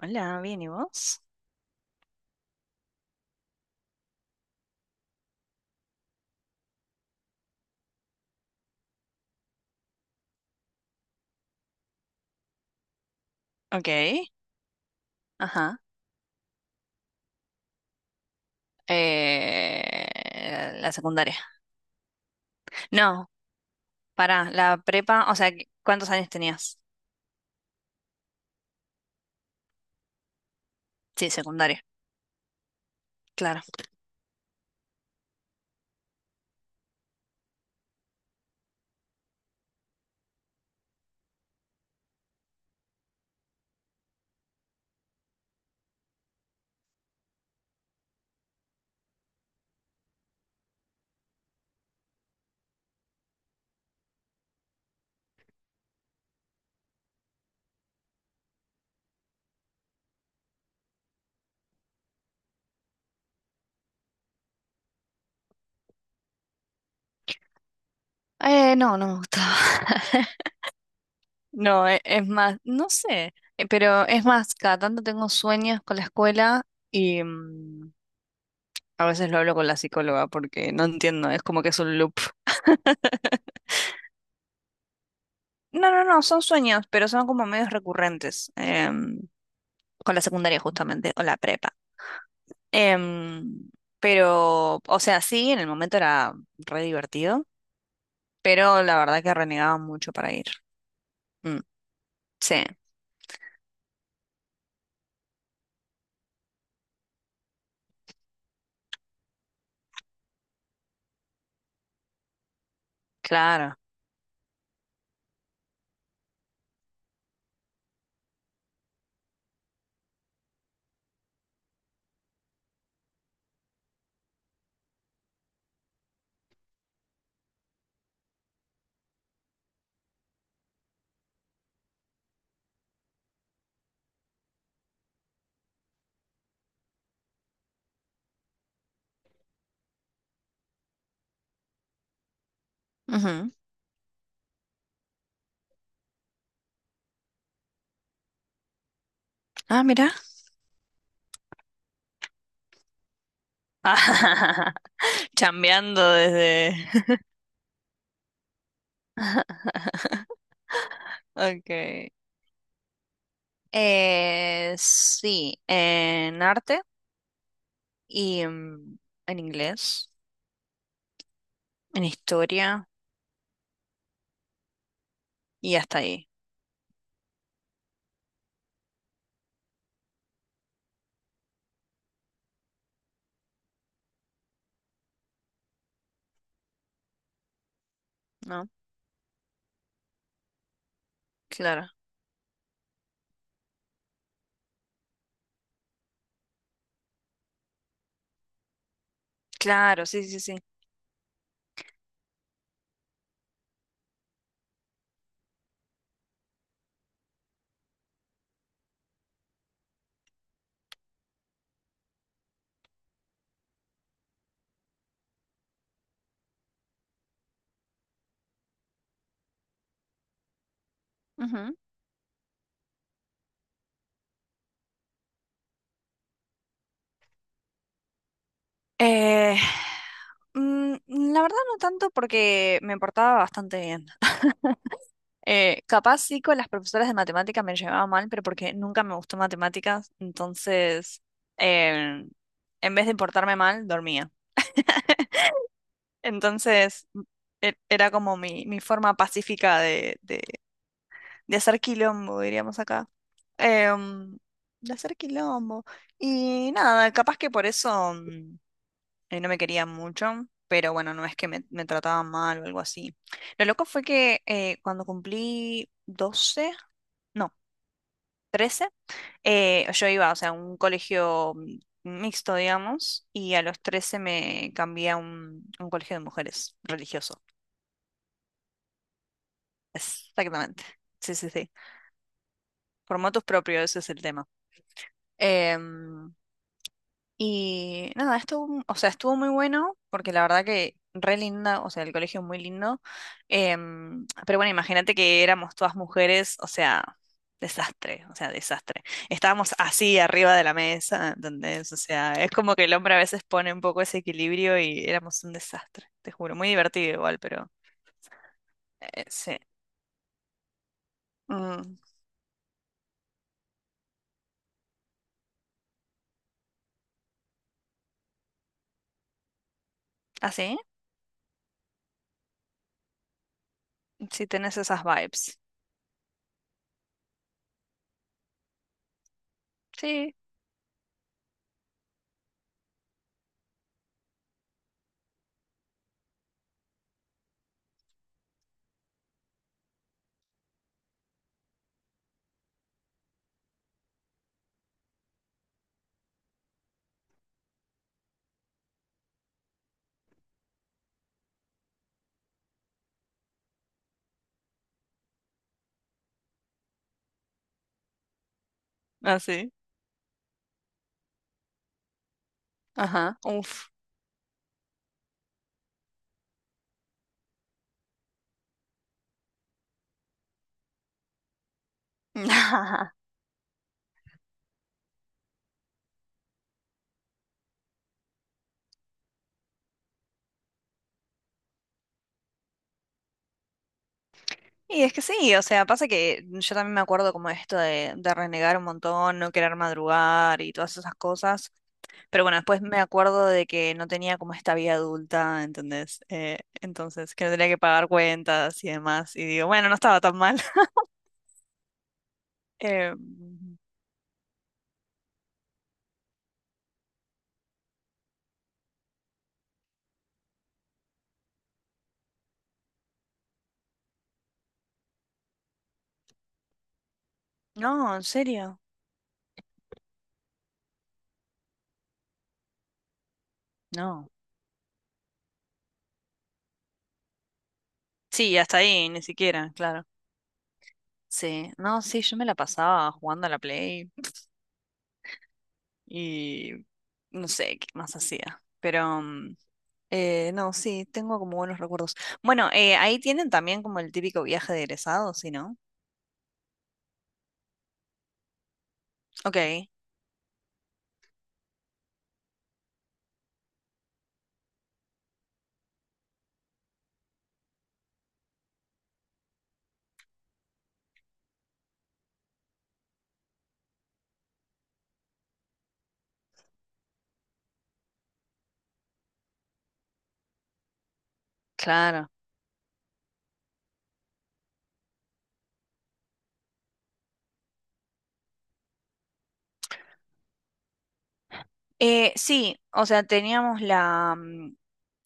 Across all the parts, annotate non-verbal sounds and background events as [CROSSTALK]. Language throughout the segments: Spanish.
Hola, bien, ¿y vos? Ok, ajá. La secundaria. No, pará, la prepa, o sea, que- ¿cuántos años tenías? Sí, secundaria. Claro. No, no me gustaba. [LAUGHS] No, e- es, más, no sé, pero es más, cada tanto tengo sueños con la escuela y a veces lo hablo con la psicóloga porque no entiendo, es como que es un loop. No, no, no, son sueños, pero son como medios recurrentes. Con la secundaria justamente, o la prepa. Em, pero, o sea, sí, en el momento era re divertido, pero la verdad que renegaba mucho para ir. Mm, sí, claro. Ujú. Ah, mira. [LAUGHS] Chambeando desde... [LAUGHS] Okay. Sí, en arte y en inglés, en historia y hasta ahí, ¿no? Claro. Claro, sí, sí, sí. Eh, la verdad no tanto porque me portaba bastante bien. [LAUGHS] Capaz sí con las profesoras de matemáticas me llevaba mal, pero porque nunca me gustó matemáticas, entonces eh, en vez de portarme mal, dormía. Entonces m- Era como mi forma pacífica de hacer quilombo, diríamos acá. Em, de hacer quilombo. Y nada, capaz que por eso... no me querían mucho, pero bueno, no es que me trataban mal o algo así. Lo loco fue que cuando cumplí 12 no, 13 yo iba, o sea, a un colegio mixto, digamos, y a los 13 me cambié a un colegio de mujeres religioso. Exactamente. Sí, sí, sí. Por motus propio, ese es el tema. Em, y nada, estuvo, o sea, estuvo muy bueno, porque la verdad que re linda, o sea, el colegio es muy lindo. Em, pero bueno, imagínate que éramos todas mujeres, o sea, desastre, o sea, desastre. Estábamos así arriba de la mesa, ¿entendés? O sea, es como que el hombre a veces pone un poco ese equilibrio y éramos un desastre, te juro. Muy divertido igual, pero sí. Mm, ¿así? Sí, sí tenés esas vibes. Sí, así. Ajá, uf. [LAUGHS] Y es que sí, o sea, pasa que yo también me acuerdo como esto de renegar un montón, no querer madrugar y todas esas cosas, pero bueno, después me acuerdo de que no tenía como esta vida adulta, ¿entendés? Entonces, que no tenía que pagar cuentas y demás, y digo, bueno, no estaba tan mal. [LAUGHS] Eh, no, en serio, no. Sí, hasta ahí, ni siquiera, claro. Sí, no, sí, yo me la pasaba jugando a la Play y no sé qué más hacía, pero... eh, no, sí, tengo como buenos recuerdos. Bueno, ahí tienen también como el típico viaje de egresados, ¿sí, no? Ok, claro. Sí, o sea, teníamos la... mm,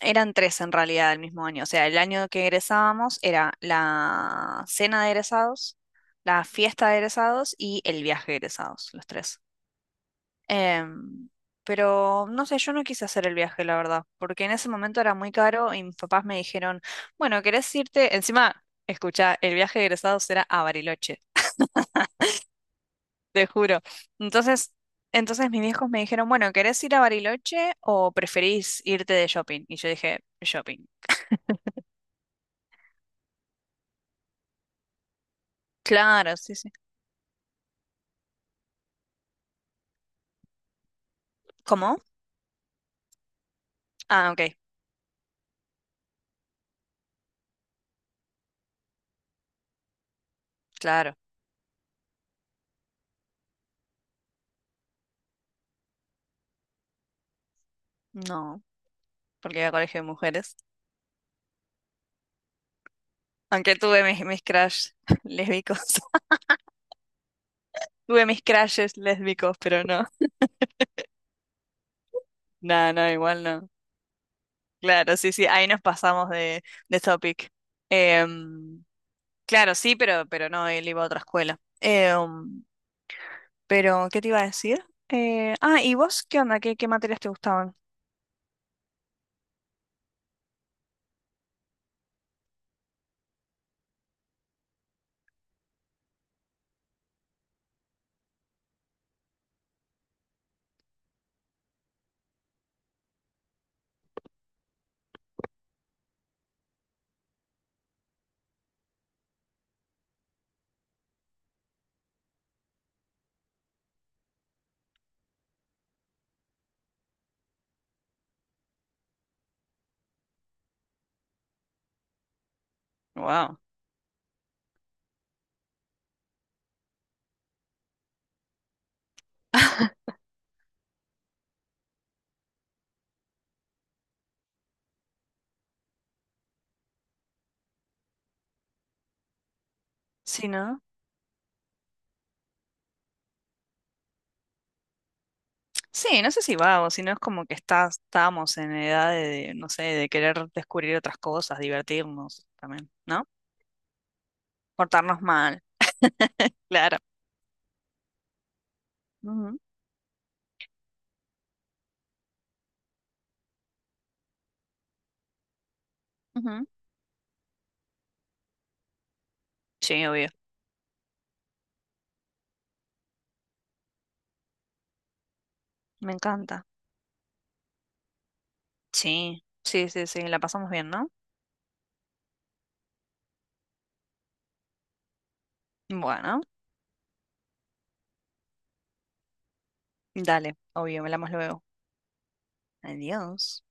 eran tres en realidad el mismo año. O sea, el año que egresábamos era la cena de egresados, la fiesta de egresados y el viaje de egresados, los tres. Em, pero no sé, yo no quise hacer el viaje, la verdad, porque en ese momento era muy caro y mis papás me dijeron, bueno, ¿querés irte? Encima, escucha, el viaje de egresados era a Bariloche, te juro. Entonces, entonces mis viejos me dijeron, bueno, ¿querés ir a Bariloche o preferís irte de shopping? Y yo dije, shopping. Claro, sí, sí. ¿Cómo? Ah, ok, claro. No, porque iba a colegio de mujeres. Aunque tuve mis crush [LAUGHS] lésbicos. [LAUGHS] Tuve mis crushes lésbicos, pero no. No, no, igual no. Claro, sí, sí, ahí nos pasamos de topic. Em, claro, sí, pero no, él iba a otra escuela. Em, pero, ¿qué te iba a decir? Ah, ¿y vos qué onda? ¿Qué, qué materias te gustaban? Wow. Sí, ¿no? Sí, no sé si vago, sino es como que estás, estábamos en edad no sé, de querer descubrir otras cosas, divertirnos también, ¿no? Portarnos mal, claro. Ujú, ujú. Sí, obvio. Me encanta. Sí, sí, sí, sí, la pasamos bien, ¿no? Bueno. Dale, obvio, hablamos luego. Adiós.